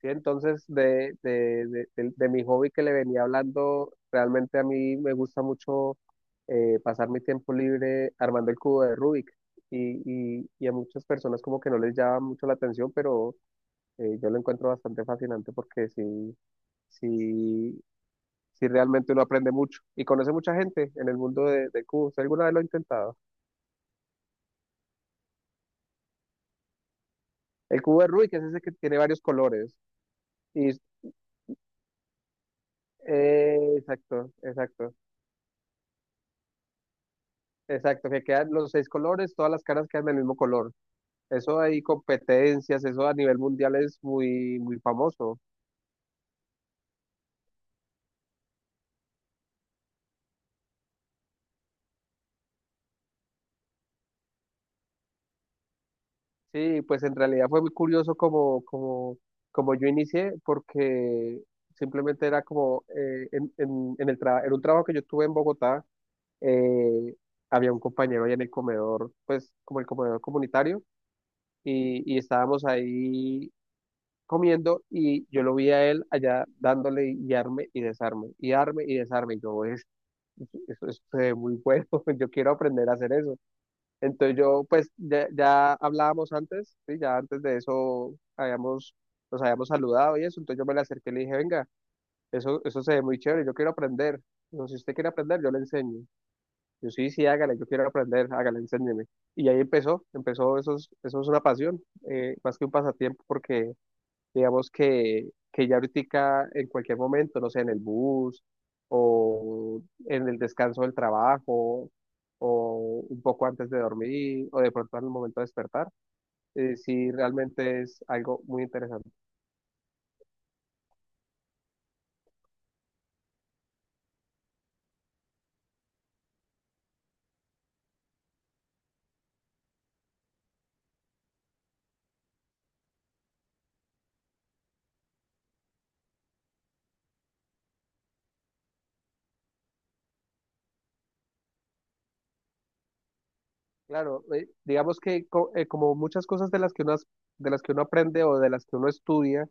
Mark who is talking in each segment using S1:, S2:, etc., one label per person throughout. S1: ¿Sí? Entonces, de mi hobby que le venía hablando, realmente a mí me gusta mucho pasar mi tiempo libre armando el cubo de Rubik. Y a muchas personas como que no les llama mucho la atención, pero yo lo encuentro bastante fascinante porque sí, sí, sí realmente uno aprende mucho y conoce mucha gente en el mundo de cubos. ¿Usted alguna vez lo ha intentado? El cubo de Rubik es ese que tiene varios colores. Y, exacto, exacto. Exacto, que quedan los seis colores, todas las caras quedan del mismo color. Eso hay competencias, eso a nivel mundial es muy, muy famoso. Sí, pues en realidad fue muy curioso como yo inicié, porque simplemente era como en un trabajo que yo tuve en Bogotá, eh, había un compañero ahí en el comedor, pues como el comedor comunitario, y estábamos ahí comiendo y yo lo vi a él allá dándole y arme y desarme, y arme y desarme, y yo, eso es muy bueno, yo quiero aprender a hacer eso. Entonces yo, pues ya hablábamos antes, ¿sí? Ya antes de eso habíamos, nos habíamos saludado y eso, entonces yo me le acerqué y le dije, venga, eso se ve muy chévere, yo quiero aprender. No, si usted quiere aprender, yo le enseño. Yo sí, sí, hágale, yo quiero aprender, hágale, enséñeme. Y ahí empezó, eso es una pasión, más que un pasatiempo, porque digamos que ya ahorita en cualquier momento, no sé, en el bus o en el descanso del trabajo o un poco antes de dormir o de pronto al momento de despertar, sí realmente es algo muy interesante. Claro, digamos que como muchas cosas de las que uno, de las que uno aprende o de las que uno estudia,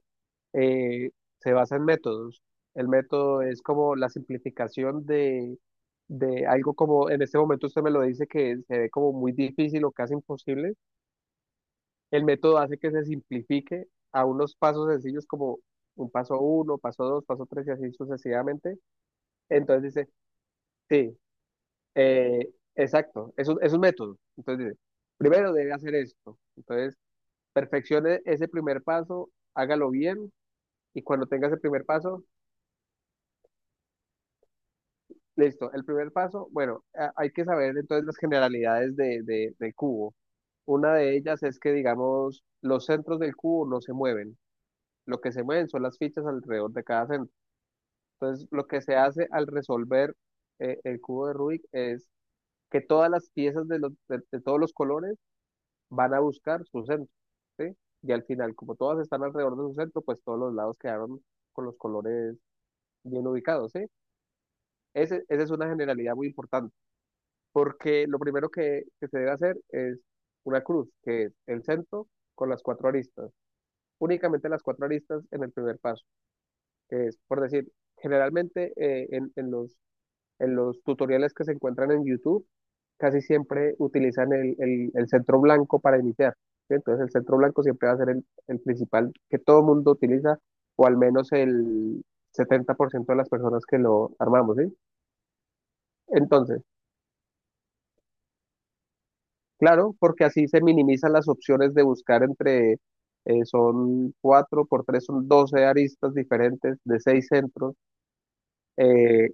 S1: eh, se basa en métodos. El método es como la simplificación de algo como, en este momento usted me lo dice que se ve como muy difícil o casi imposible. El método hace que se simplifique a unos pasos sencillos como un paso uno, paso dos, paso tres y así sucesivamente. Entonces dice, sí, eh, exacto, es un método. Entonces dice, primero debe hacer esto. Entonces, perfeccione ese primer paso, hágalo bien y cuando tenga ese primer paso, listo, el primer paso, bueno, hay que saber entonces las generalidades del cubo. Una de ellas es que, digamos, los centros del cubo no se mueven. Lo que se mueven son las fichas alrededor de cada centro. Entonces, lo que se hace al resolver el cubo de Rubik es que todas las piezas de todos los colores van a buscar su centro, ¿sí? Y al final, como todas están alrededor de su centro, pues todos los lados quedaron con los colores bien ubicados, ¿sí? Esa es una generalidad muy importante. Porque lo primero que se debe hacer es una cruz, que es el centro con las cuatro aristas, únicamente las cuatro aristas en el primer paso, que es, por decir, generalmente en los tutoriales que se encuentran en YouTube, casi siempre utilizan el centro blanco para iniciar, ¿sí? Entonces el centro blanco siempre va a ser el principal que todo mundo utiliza, o al menos el 70% de las personas que lo armamos, ¿sí? Entonces, claro, porque así se minimizan las opciones de buscar entre, son cuatro por tres, son 12 aristas diferentes de seis centros. eh,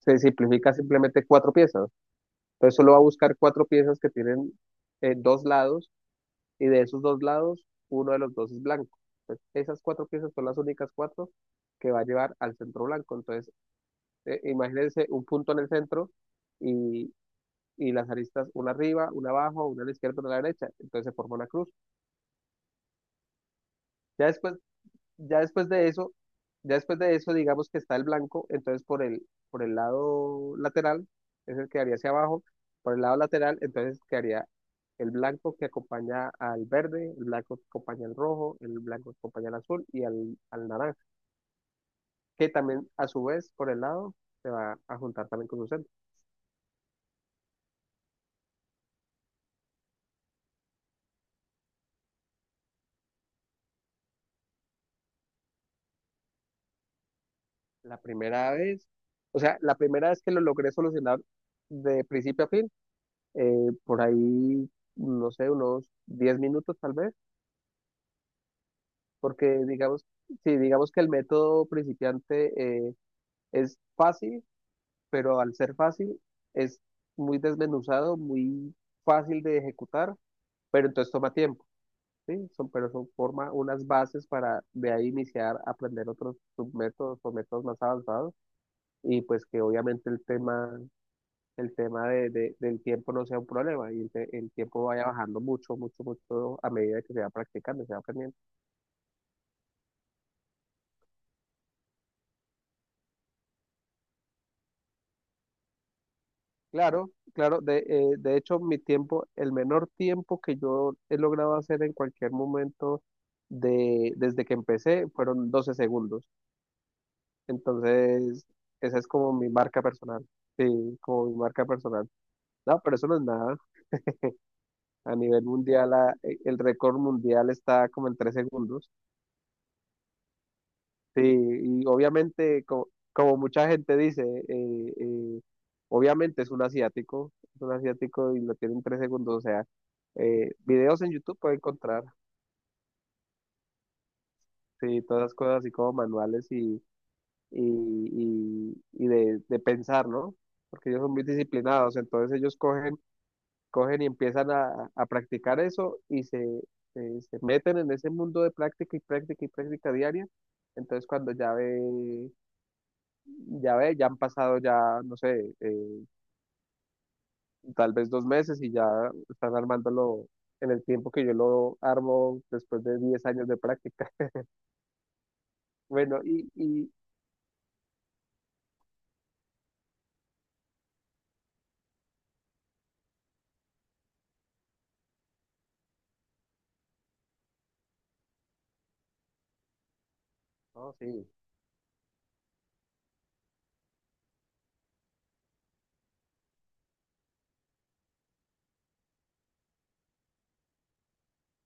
S1: se simplifica simplemente cuatro piezas. Entonces solo va a buscar cuatro piezas que tienen dos lados y de esos dos lados, uno de los dos es blanco. Entonces, esas cuatro piezas son las únicas cuatro que va a llevar al centro blanco. Entonces, imagínense un punto en el centro y, y las aristas, una arriba, una abajo, una a la izquierda, una a la derecha. Entonces se forma una cruz. Ya después ya después de eso, ya después de eso, digamos que está el blanco, entonces por el lado lateral, es el que haría hacia abajo, por el lado lateral, entonces quedaría el blanco que acompaña al verde, el blanco que acompaña al rojo, el blanco que acompaña al azul y al naranja, que también a su vez por el lado se va a juntar también con su centro. La primera vez, o sea, la primera vez que lo logré solucionar de principio a fin, por ahí, no sé, unos 10 minutos tal vez. Porque digamos, sí, digamos que el método principiante es fácil, pero al ser fácil es muy desmenuzado, muy fácil de ejecutar, pero entonces toma tiempo, ¿sí? Son, pero son forma unas bases para de ahí iniciar a aprender otros submétodos o métodos más avanzados y pues que obviamente el tema del tiempo no sea un problema y el tiempo vaya bajando mucho, mucho, mucho a medida que se va practicando, se va aprendiendo. Claro, claro. De hecho, mi tiempo, el menor tiempo que yo he logrado hacer en cualquier momento desde que empecé fueron 12 segundos. Entonces, esa es como mi marca personal. Sí, como mi marca personal. No, pero eso no es nada. A nivel mundial, el récord mundial está como en 3 segundos. Sí, y obviamente, mucha gente dice, obviamente es un asiático y lo tienen 3 segundos, o sea, videos en YouTube puede encontrar, sí, todas las cosas así como manuales y, y de pensar, ¿no? Porque ellos son muy disciplinados, entonces ellos cogen, cogen y empiezan a practicar eso y se, se meten en ese mundo de práctica y práctica y práctica diaria, entonces cuando ya ve ya ve, ya han pasado ya, no sé, tal vez 2 meses y ya están armándolo en el tiempo que yo lo armo después de 10 años de práctica. Bueno, no, sí,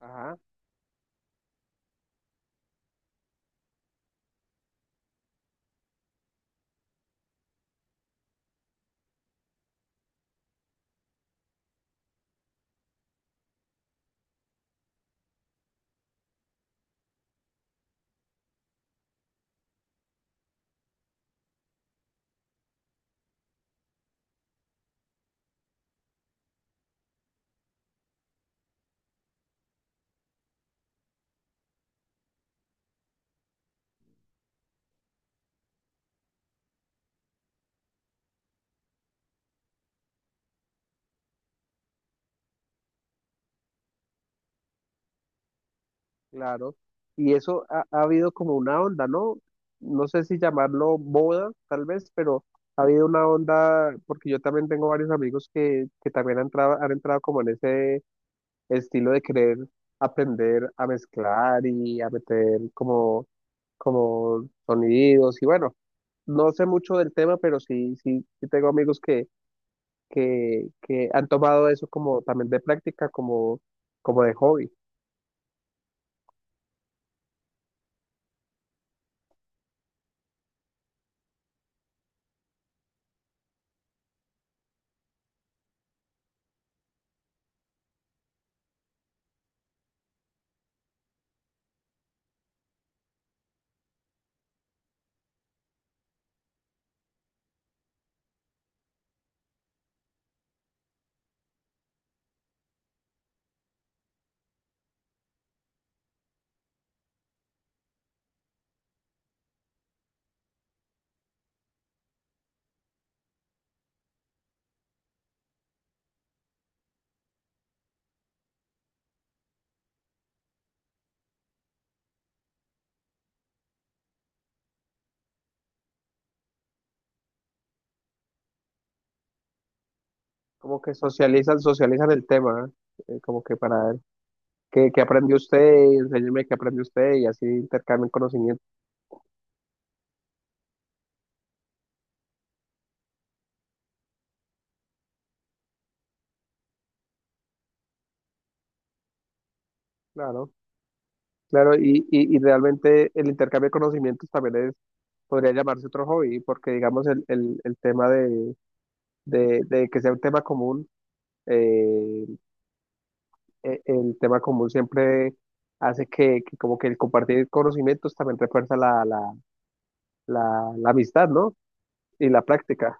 S1: ajá, claro. Y eso ha, ha habido como una onda, ¿no? No sé si llamarlo boda, tal vez, pero ha habido una onda, porque yo también tengo varios amigos que también han entrado como en ese el estilo de querer aprender a mezclar y a meter como, como sonidos y bueno, no sé mucho del tema, pero sí, sí, sí tengo amigos que, que han tomado eso como también de práctica, como, como de hobby, como que socializan, socializan el tema, ¿eh? Como que para ver qué, qué aprendió usted, enséñeme qué aprendió usted y así intercambian conocimiento, claro. Claro, y realmente el intercambio de conocimientos también es, podría llamarse otro hobby, porque digamos el tema de, de que sea un tema común, eh, el tema común siempre hace que como que el compartir conocimientos también refuerza la amistad, ¿no? Y la práctica.